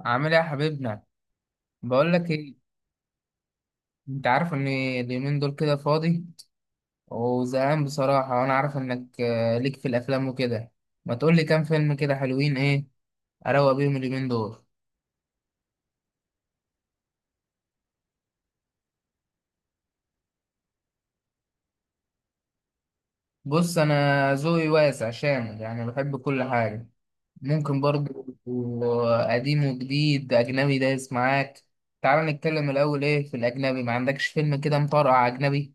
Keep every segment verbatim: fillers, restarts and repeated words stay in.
عامل ايه يا حبيبنا؟ بقول لك ايه، انت عارف ان اليومين دول كده فاضي وزهقان بصراحه. وانا عارف انك آه، ليك في الافلام وكده. ما تقول لي كام فيلم كده حلوين ايه اروق بيهم اليومين دول؟ بص، انا ذوقي واسع شامل، يعني بحب كل حاجه ممكن برضو، قديم وجديد اجنبي دايس معاك. تعال نتكلم الاول ايه في الاجنبي، ما عندكش فيلم كده مطرقع اجنبي؟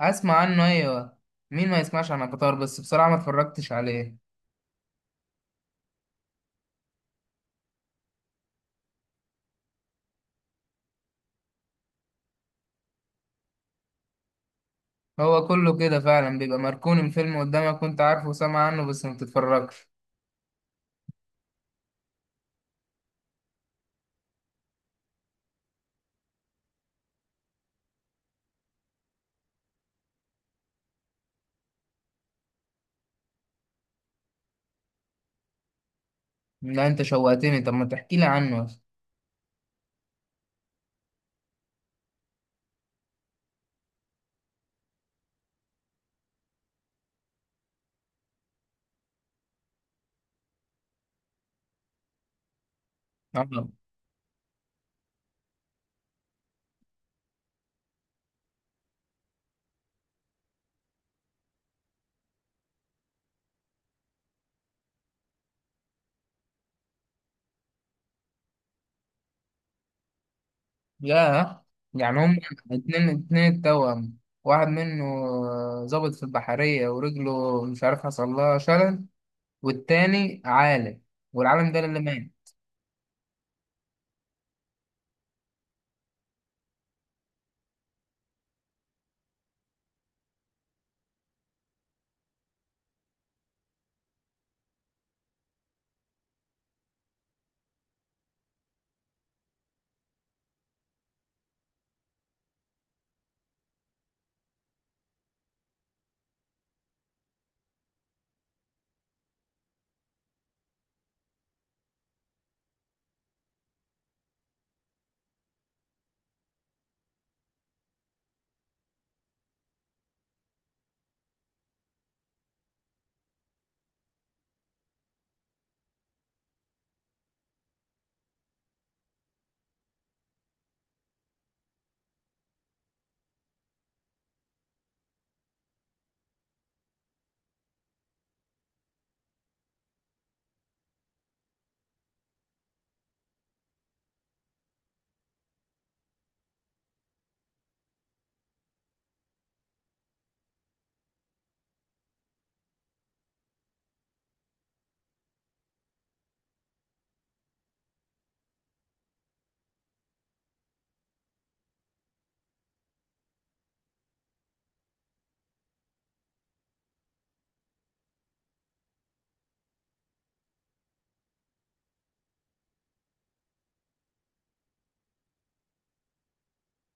اسمع عنه، ايوه. مين ما يسمعش عن قطار، بس بصراحه ما اتفرجتش عليه. هو كله كده فعلا، بيبقى مركون الفيلم قدامك وانت عارفه وسامع عنه بس ما بتتفرجش. لا انت شوقتني، طب ما تحكي لي عنه. اه. يا يعني هم اتنين اتنين التوأم، واحد منه ظابط في البحرية ورجله مش عارف حصل لها شلل، والتاني عالم، والعالم ده اللي مات.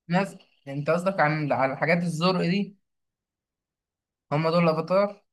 ناس، انت قصدك عن على الحاجات الزرق دي؟ هم دول الافاتار.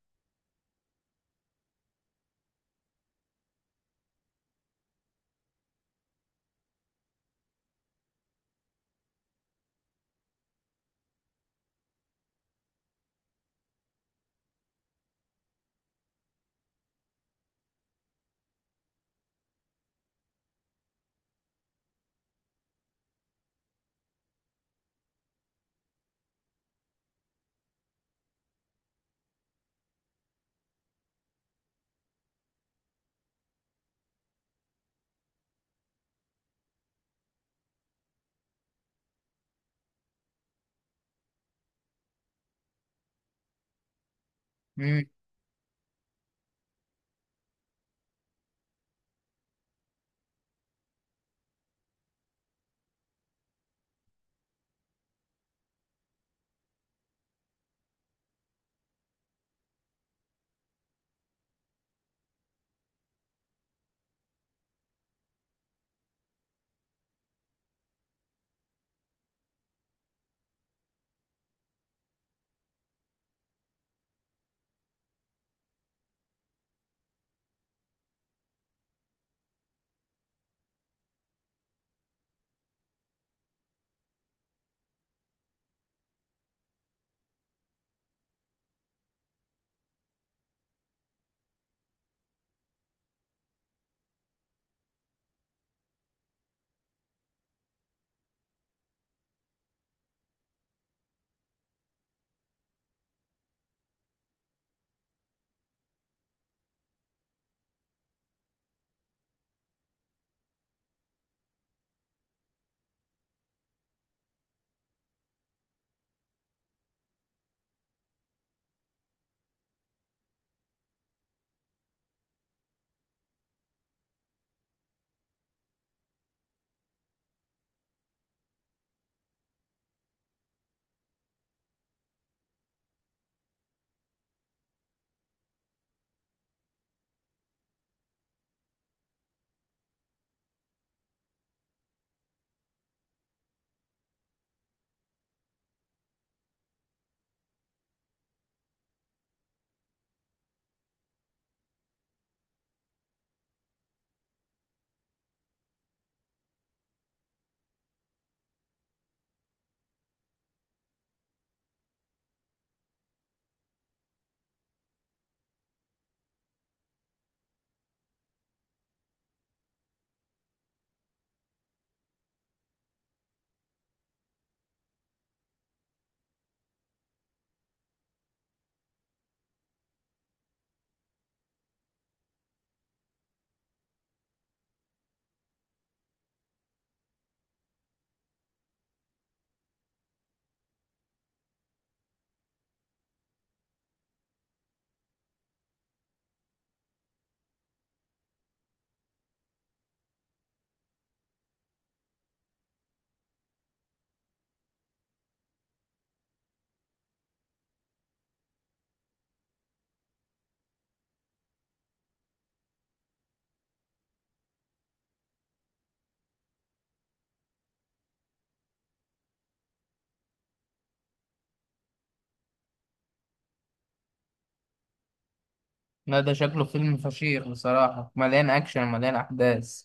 لا ده شكله فيلم فشيخ بصراحة، مليان أكشن مليان أحداث.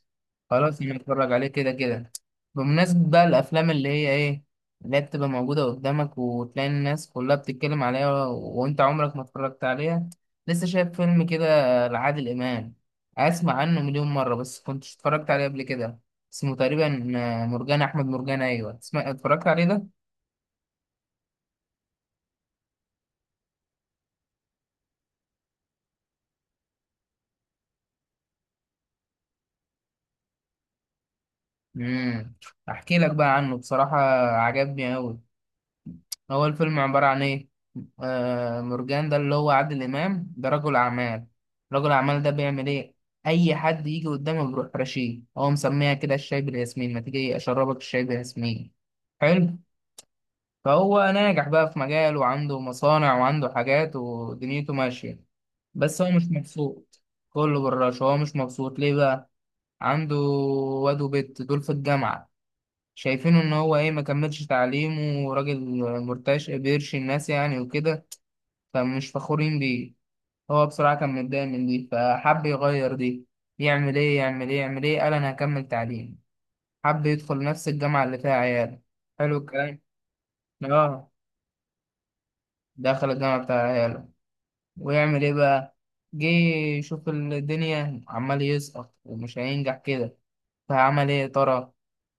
خلاص أنا أتفرج عليه كده كده. بمناسبة بقى الأفلام اللي هي إيه اللي هي بتبقى موجودة قدامك، وتلاقي الناس كلها بتتكلم عليها و- وأنت عمرك ما اتفرجت عليها. لسه شايف فيلم كده لعادل إمام، أسمع عنه مليون مرة بس كنتش اتفرجت عليه قبل كده. اسمه تقريبا آه، مرجان أحمد مرجان. أيوة اسمع، اتفرجت عليه ده؟ مم. أحكي لك بقى عنه. بصراحة عجبني أوي. هو الفيلم عبارة عن إيه؟ آه، مرجان ده اللي هو عادل إمام ده رجل أعمال. رجل أعمال ده بيعمل إيه؟ أي حد يجي قدامه بيروح رشيه، هو مسميها كده الشاي بالياسمين، ما تيجي أشربك الشاي بالياسمين. حلو؟ فهو ناجح بقى في مجاله، وعنده مصانع وعنده حاجات ودنيته ماشية، بس هو مش مبسوط. كله بالرش. هو مش مبسوط ليه بقى؟ عنده واد وبت دول في الجامعة، شايفينه ان هو ايه، ما كملش تعليمه وراجل مرتاش بيرشي الناس يعني وكده، فمش فخورين بيه. هو بصراحة كان متضايق من دي، فحب يغير دي. يعمل ايه يعمل ايه يعمل ايه، قال انا هكمل تعليم. حب يدخل نفس الجامعة اللي فيها عياله. حلو الكلام. اه. دخل الجامعة بتاع عياله، ويعمل ايه بقى؟ جه يشوف الدنيا عمال يسقط ومش هينجح كده. فعمل ايه يا ترى؟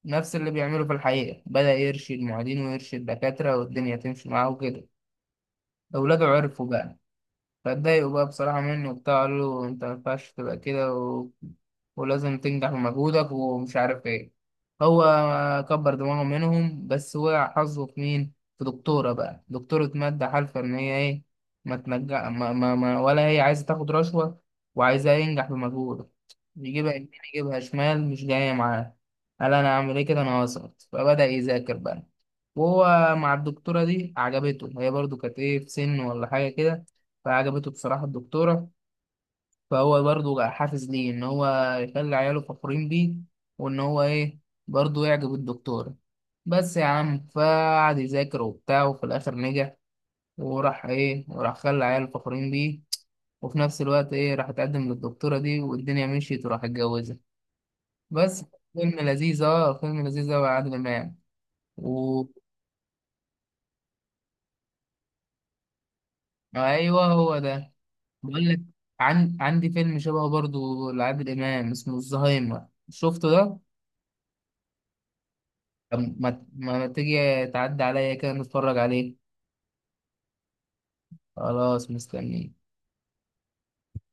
نفس اللي بيعمله في الحقيقة، بدأ يرشد معيدين ويرشد دكاترة، والدنيا تمشي معاه وكده. أولاده عرفوا بقى، فاتضايقوا بقى بصراحة مني وبتاع، قالوا له أنت ما ينفعش تبقى كده و... ولازم تنجح بمجهودك ومش عارف إيه. هو كبر دماغه منهم، بس وقع حظه في مين؟ في دكتورة بقى، دكتورة مادة حالفة إن هي إيه، ما تنجح ما... ما... ما... ولا هي عايزة تاخد رشوة، وعايزاه ينجح بمجهوده. يجيبها يمين يجيبها شمال مش جاية معاه. قال أنا أعمل إيه كده، أنا هسقط. فبدأ يذاكر بقى. وهو مع الدكتورة دي عجبته، هي برضو كانت إيه في سن ولا حاجة كده، فعجبته بصراحة الدكتورة. فهو برضه حافز ليه إن هو يخلي عياله فخورين بيه، وإن هو إيه برضه يعجب الدكتورة. بس يا عم فقعد يذاكر وبتاع، وفي الآخر نجح. وراح إيه وراح خلى عياله فخورين بيه، وفي نفس الوقت إيه راح اتقدم للدكتورة دي، والدنيا مشيت وراح اتجوزها. بس فيلم لذيذ، آه فيلم لذيذ أوي يا عادل إمام. و... أيوه، هو ده. بقول لك، عن... عندي فيلم شبهه برضه لعادل إمام اسمه الزهايمر، شفته ده؟ طب ما ما ما تيجي تعدي عليا كده نتفرج عليه. خلاص مستني.